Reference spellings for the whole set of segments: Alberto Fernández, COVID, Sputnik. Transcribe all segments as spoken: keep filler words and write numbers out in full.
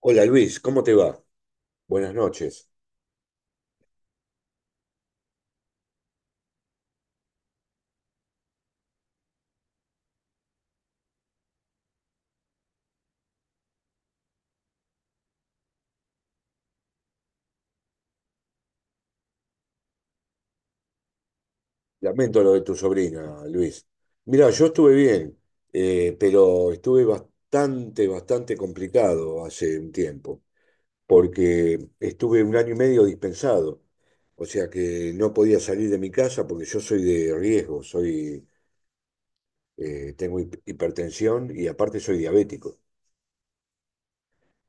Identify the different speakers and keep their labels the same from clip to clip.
Speaker 1: Hola Luis, ¿cómo te va? Buenas noches. Lamento lo de tu sobrina, Luis. Mira, yo estuve bien, eh, pero estuve bastante, bastante complicado hace un tiempo, porque estuve un año y medio dispensado, o sea que no podía salir de mi casa porque yo soy de riesgo, soy, eh, tengo hip- hipertensión y aparte soy diabético,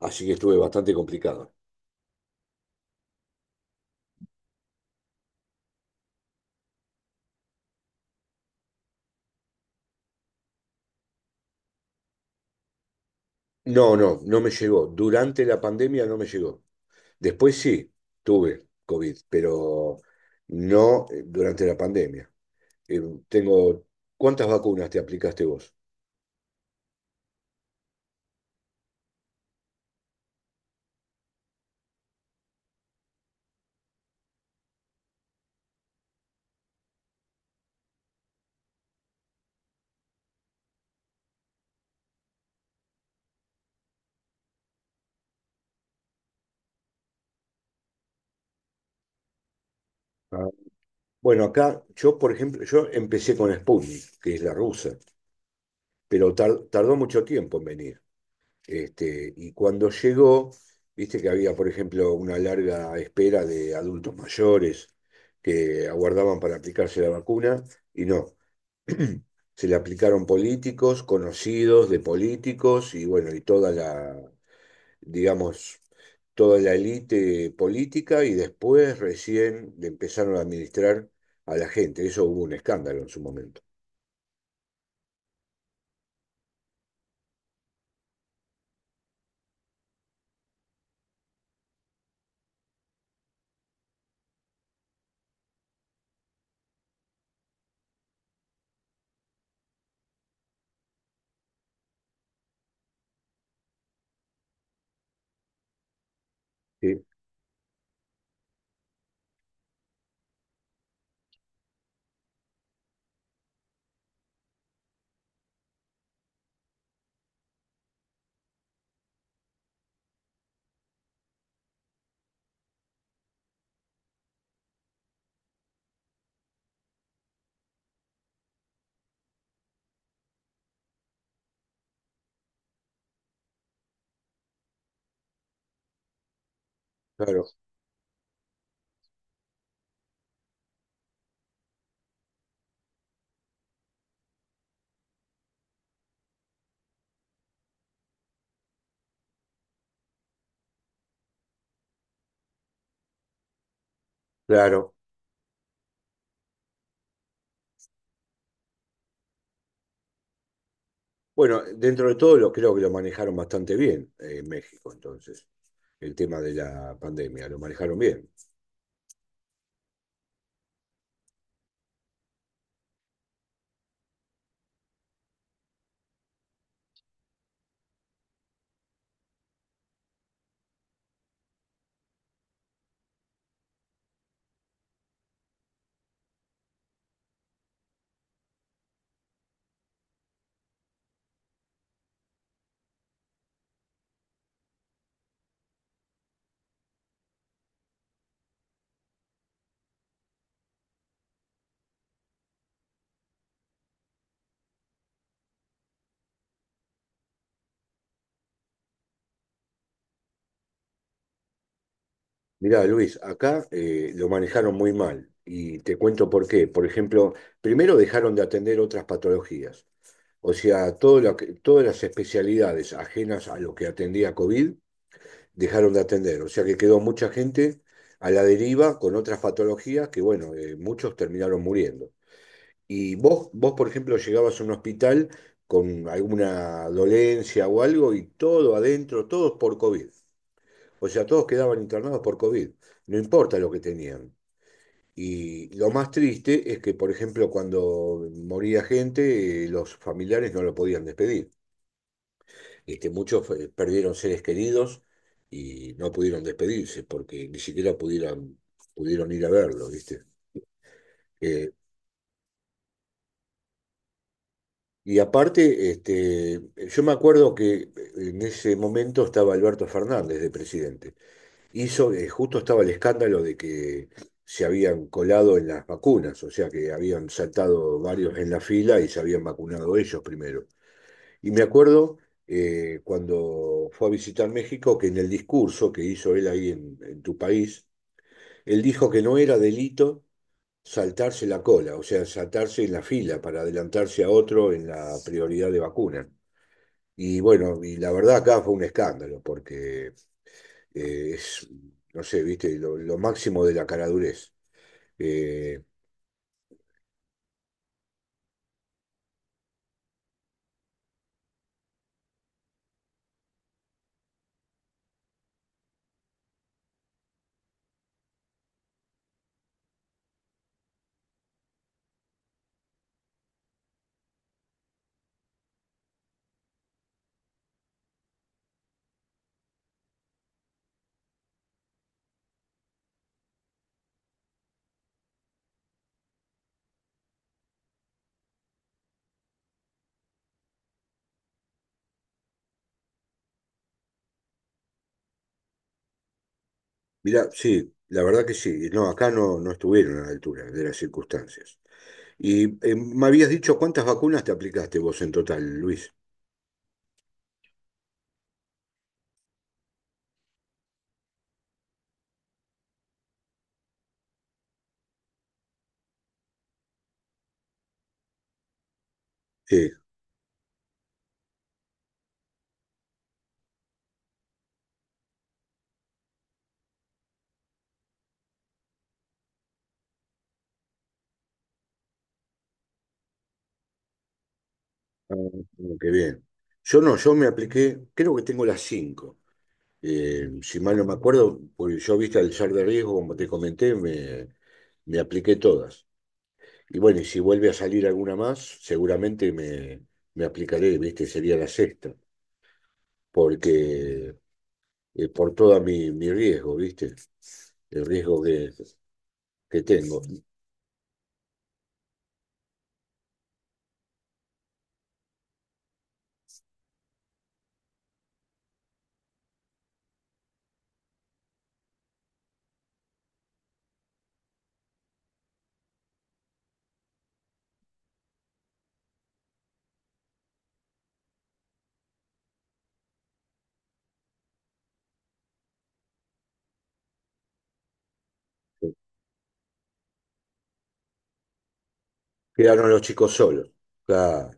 Speaker 1: así que estuve bastante complicado. No, no, no me llegó. Durante la pandemia no me llegó. Después sí, tuve COVID, pero no eh, durante la pandemia. Eh, tengo, ¿cuántas vacunas te aplicaste vos? Ah, bueno, acá yo, por ejemplo, yo empecé con Sputnik, que es la rusa, pero tar- tardó mucho tiempo en venir. Este, y cuando llegó, viste que había, por ejemplo, una larga espera de adultos mayores que aguardaban para aplicarse la vacuna, y no. Se le aplicaron políticos, conocidos de políticos y bueno, y toda la, digamos, toda la élite política y después recién le empezaron a administrar a la gente. Eso hubo un escándalo en su momento. Sí, claro, claro. Bueno, dentro de todo lo creo que lo manejaron bastante bien eh, en México, entonces, el tema de la pandemia, lo manejaron bien. Mirá, Luis, acá eh, lo manejaron muy mal y te cuento por qué. Por ejemplo, primero dejaron de atender otras patologías, o sea, todo lo que- todas las especialidades ajenas a lo que atendía COVID dejaron de atender, o sea que quedó mucha gente a la deriva con otras patologías que, bueno, eh, muchos terminaron muriendo. Y vos, vos, por ejemplo, llegabas a un hospital con alguna dolencia o algo y todo adentro, todos por COVID. O sea, todos quedaban internados por COVID, no importa lo que tenían. Y lo más triste es que, por ejemplo, cuando moría gente, eh, los familiares no lo podían despedir. Este, muchos eh, perdieron seres queridos y no pudieron despedirse porque ni siquiera pudieran, pudieron ir a verlo, ¿viste? Eh, y aparte, este, yo me acuerdo que eh, en ese momento estaba Alberto Fernández de presidente. Hizo, eh, justo estaba el escándalo de que se habían colado en las vacunas, o sea que habían saltado varios en la fila y se habían vacunado ellos primero. Y me acuerdo eh, cuando fue a visitar México que en el discurso que hizo él ahí en, en tu país, él dijo que no era delito saltarse la cola, o sea, saltarse en la fila para adelantarse a otro en la prioridad de vacuna. Y bueno, y la verdad acá fue un escándalo, porque eh, es, no sé, viste, lo, lo máximo de la caradurez. Eh, mirá, sí, la verdad que sí. No, acá no, no estuvieron a la altura de las circunstancias. Y eh, me habías dicho cuántas vacunas te aplicaste vos en total, Luis. Sí, ah, qué bien. Yo no, yo me apliqué, creo que tengo las cinco. Eh, si mal no me acuerdo, porque yo viste al char de riesgo, como te comenté, me, me apliqué todas. Y bueno, y si vuelve a salir alguna más, seguramente me, me aplicaré, ¿viste? Sería la sexta, porque eh, por todo mi, mi riesgo, ¿viste? El riesgo que, que tengo. Quedaron los chicos solos. Claro,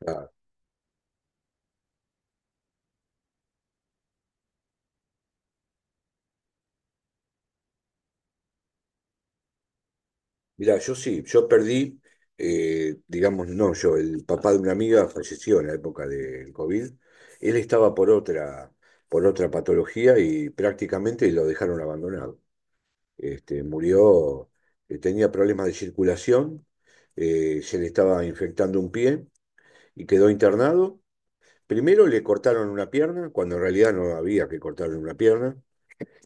Speaker 1: claro. Mirá, yo sí, yo perdí, eh, digamos, no, yo, el papá de una amiga falleció en la época del COVID. Él estaba por otra, por otra patología y prácticamente lo dejaron abandonado. Este, murió, eh, tenía problemas de circulación, eh, se le estaba infectando un pie y quedó internado. Primero le cortaron una pierna, cuando en realidad no había que cortarle una pierna,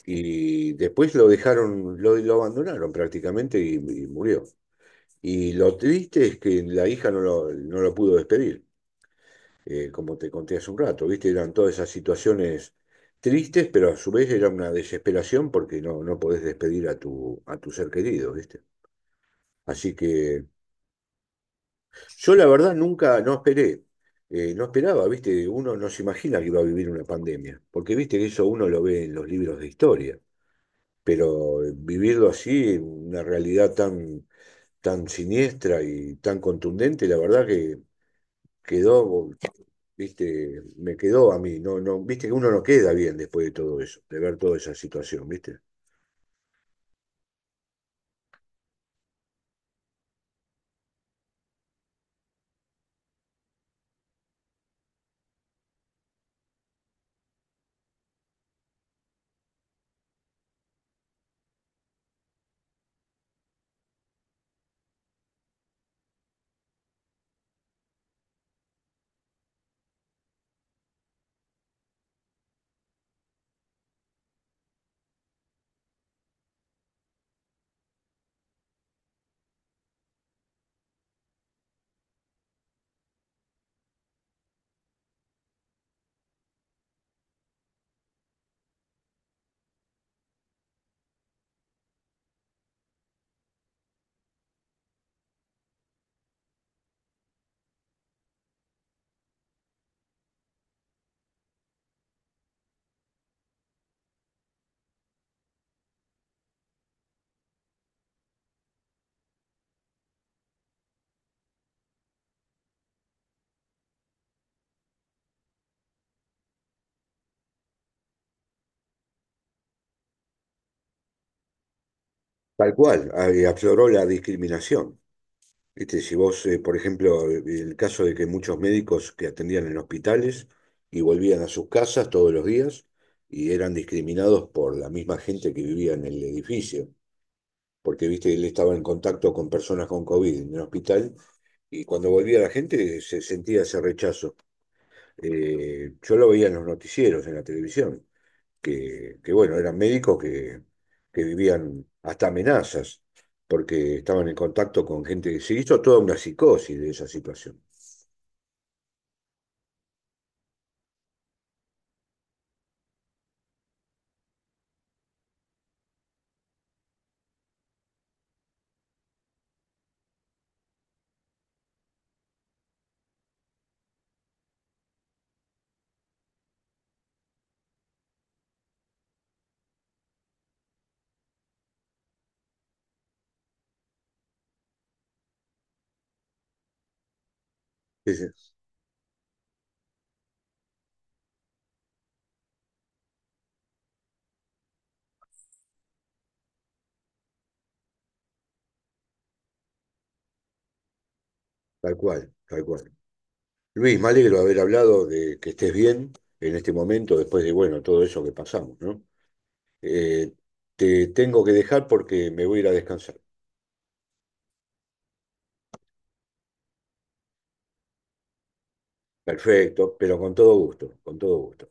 Speaker 1: y después lo dejaron, lo, lo abandonaron prácticamente y, y murió. Y lo triste es que la hija no lo, no lo pudo despedir, eh, como te conté hace un rato, ¿viste? Eran todas esas situaciones tristes, pero a su vez era una desesperación porque no, no podés despedir a tu, a tu ser querido, ¿viste? Así que yo la verdad nunca, no esperé, eh, no esperaba, viste, uno no se imagina que iba a vivir una pandemia, porque viste que eso uno lo ve en los libros de historia, pero eh, vivirlo así, una realidad tan, tan siniestra y tan contundente, la verdad que quedó, viste, me quedó a mí, no, no, viste que uno no queda bien después de todo eso, de ver toda esa situación, viste. Tal cual, ah, y afloró la discriminación. Este, si vos, eh, por ejemplo, el caso de que muchos médicos que atendían en hospitales y volvían a sus casas todos los días y eran discriminados por la misma gente que vivía en el edificio, porque viste, él estaba en contacto con personas con COVID en el hospital y cuando volvía la gente se sentía ese rechazo. Eh, yo lo veía en los noticieros, en la televisión que, que, bueno, eran médicos que, que vivían hasta amenazas, porque estaban en contacto con gente. Se hizo toda una psicosis de esa situación. Es- tal cual, tal cual. Luis, me alegro de haber hablado de que estés bien en este momento, después de, bueno, todo eso que pasamos, ¿no? Eh, te tengo que dejar porque me voy a ir a descansar. Perfecto, pero con todo gusto, con todo gusto.